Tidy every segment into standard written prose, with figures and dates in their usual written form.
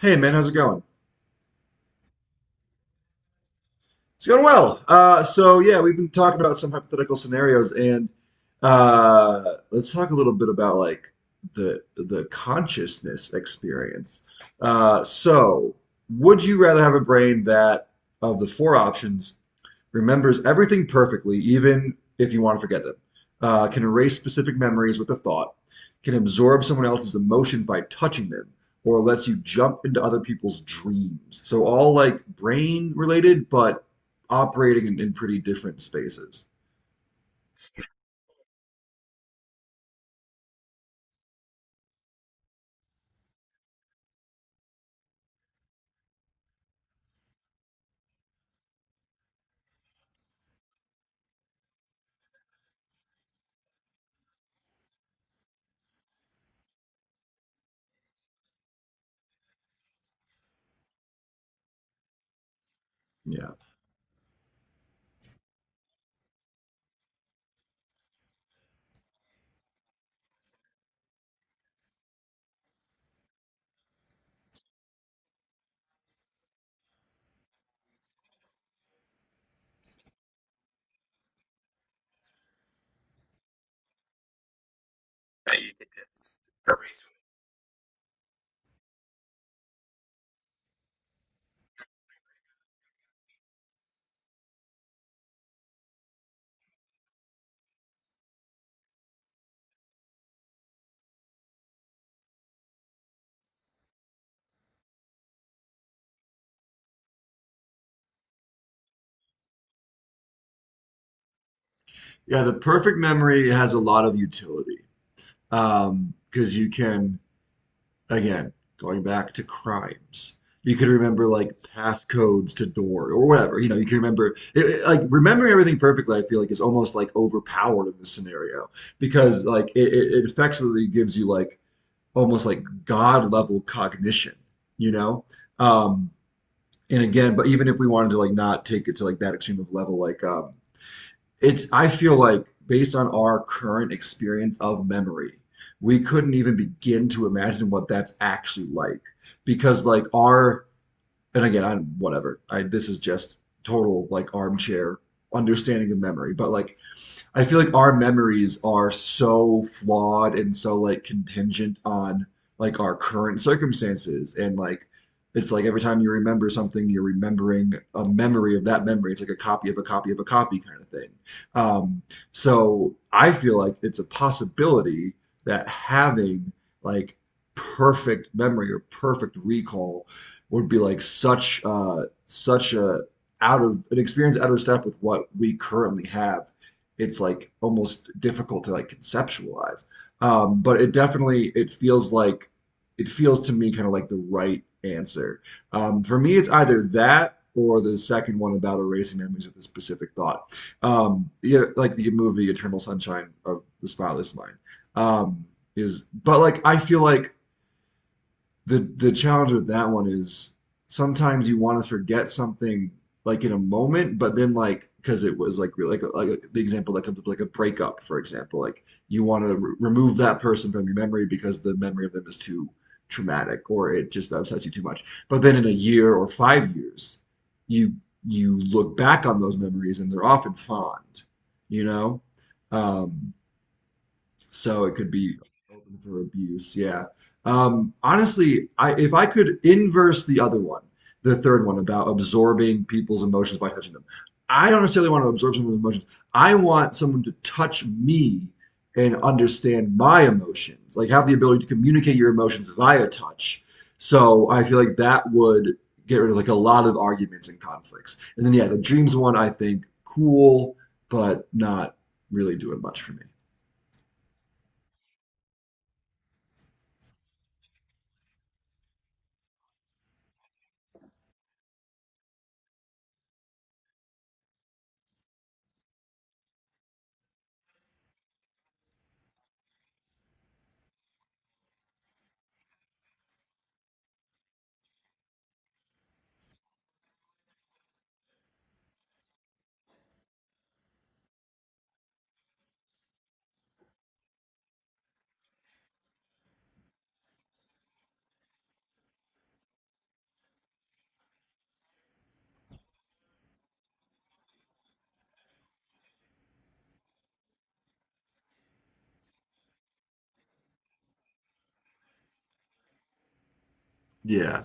Hey man, how's it going? It's going well. So we've been talking about some hypothetical scenarios, and uh, let's talk a little bit about like the consciousness experience. Uh, so, would you rather have a brain that, of the four options, remembers everything perfectly, even if you want to forget them, can erase specific memories with a thought, can absorb someone else's emotions by touching them, or lets you jump into other people's dreams? So all like brain related, but operating in pretty different spaces. Yeah. Yeah, the perfect memory has a lot of utility because you can, again, going back to crimes. You could remember like passcodes to door or whatever. You know, you can remember like remembering everything perfectly, I feel like is almost like overpowered in this scenario because like it effectively gives you like almost like God level cognition, you know? Um, and again, but even if we wanted to like not take it to like that extreme of level, like it's I feel like based on our current experience of memory, we couldn't even begin to imagine what that's actually like because like our, and again I'm whatever I this is just total like armchair understanding of memory but like I feel like our memories are so flawed and so like contingent on like our current circumstances, and like it's like every time you remember something, you're remembering a memory of that memory. It's like a copy of a copy of a copy kind of thing. Um, so I feel like it's a possibility that having like perfect memory or perfect recall would be like such a out of an experience out of step with what we currently have, it's like almost difficult to like conceptualize. But it definitely it feels like it feels to me kind of like the right answer. For me, it's either that or the second one about erasing memories with a specific thought. Yeah, like the movie Eternal Sunshine of the Spotless Mind. Um, is but like I feel like the challenge with that one is sometimes you want to forget something like in a moment, but then like because it was like really like the example that comes up like a breakup, for example, like you want to re remove that person from your memory because the memory of them is too traumatic, or it just upsets you too much. But then in a year or 5 years, you you look back on those memories, and they're often fond, you know? Um, so it could be open for abuse. Yeah. Honestly, I if I could inverse the other one, the third one about absorbing people's emotions by touching them, I don't necessarily want to absorb someone's emotions. I want someone to touch me and understand my emotions, like have the ability to communicate your emotions via touch. So I feel like that would get rid of like a lot of arguments and conflicts. And then yeah, the dreams one I think cool, but not really doing much for me. Yeah.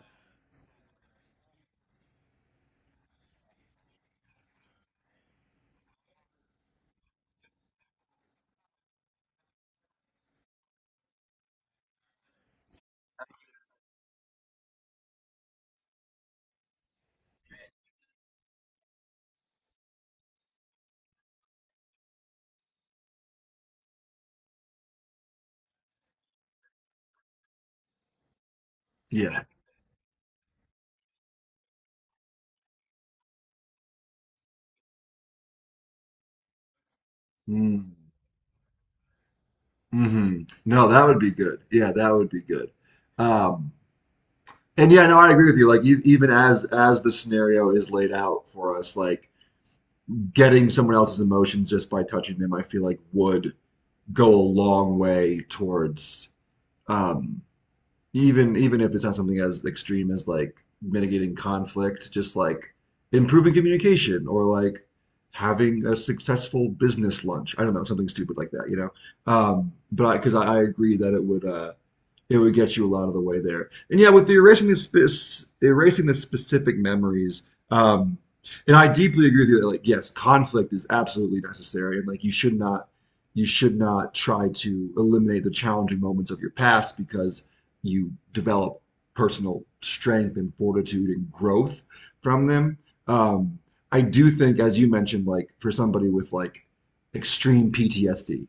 Yeah. Mm, hmm. No, that would be good. Yeah, that would be good. Um, and yeah, no, I agree with you. Like, you, even as the scenario is laid out for us, like getting someone else's emotions just by touching them, I feel like would go a long way towards um, even even if it's not something as extreme as like mitigating conflict, just like improving communication or like having a successful business lunch. I don't know, something stupid like that, you know? But I, because I agree that it would get you a lot of the way there. And yeah, with the erasing the specific memories, um, and I deeply agree with you that like yes, conflict is absolutely necessary, and like you should not try to eliminate the challenging moments of your past because you develop personal strength and fortitude and growth from them. Um, I do think, as you mentioned, like for somebody with like extreme PTSD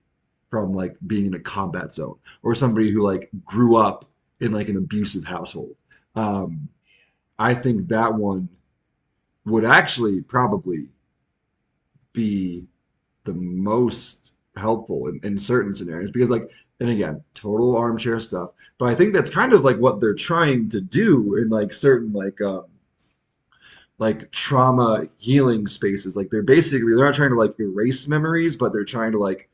from like being in a combat zone or somebody who like grew up in like an abusive household, um, I think that one would actually probably be the most helpful in certain scenarios because like, and again total armchair stuff, but I think that's kind of like what they're trying to do in like certain like trauma healing spaces like they're basically they're not trying to like erase memories but they're trying to like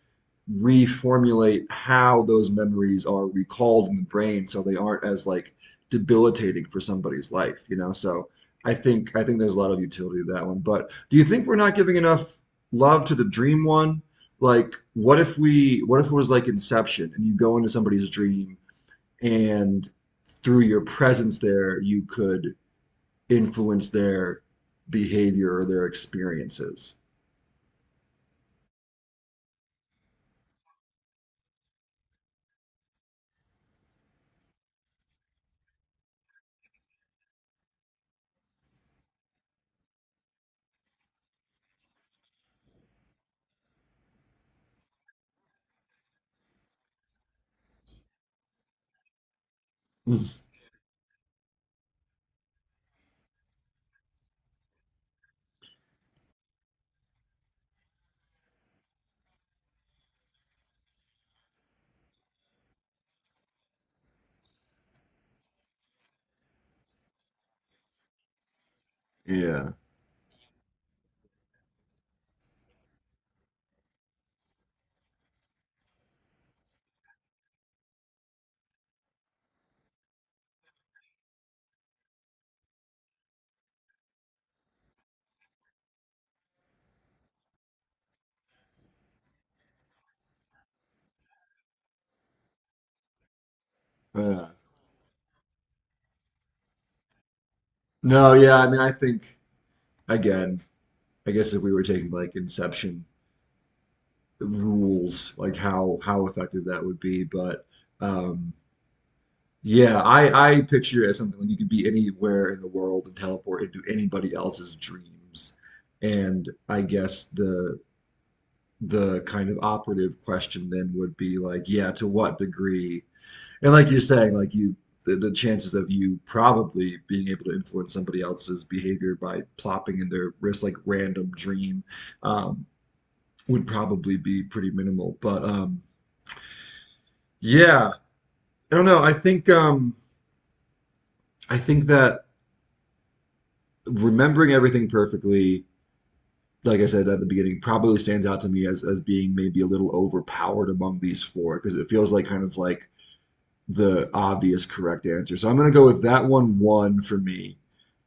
reformulate how those memories are recalled in the brain so they aren't as like debilitating for somebody's life, you know? So I think there's a lot of utility to that one. But do you think we're not giving enough love to the dream one? Like, what if we what if it was like Inception and you go into somebody's dream and through your presence there you could influence their behavior or their experiences? Yeah. Yeah. No, yeah, I mean I think, again, I guess if we were taking like Inception rules, like how effective that would be. But um, yeah, I picture it as something like you could be anywhere in the world and teleport into anybody else's dreams. And I guess the kind of operative question then would be like, yeah, to what degree? And like you're saying, like you, the chances of you probably being able to influence somebody else's behavior by plopping in their wrist like random dream um, would probably be pretty minimal. But yeah, I don't know. I think that remembering everything perfectly, like I said at the beginning, probably stands out to me as being maybe a little overpowered among these four because it feels like kind of like the obvious correct answer. So I'm gonna go with that one one for me.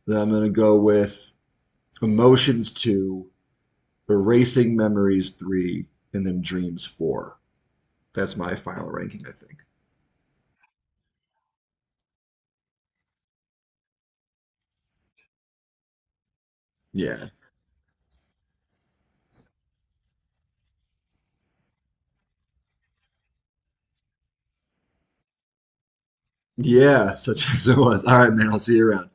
Then I'm gonna go with emotions two, erasing memories three, and then dreams four. That's my final ranking, I think. Yeah. Yeah, such as it was. All right, man. I'll see you around.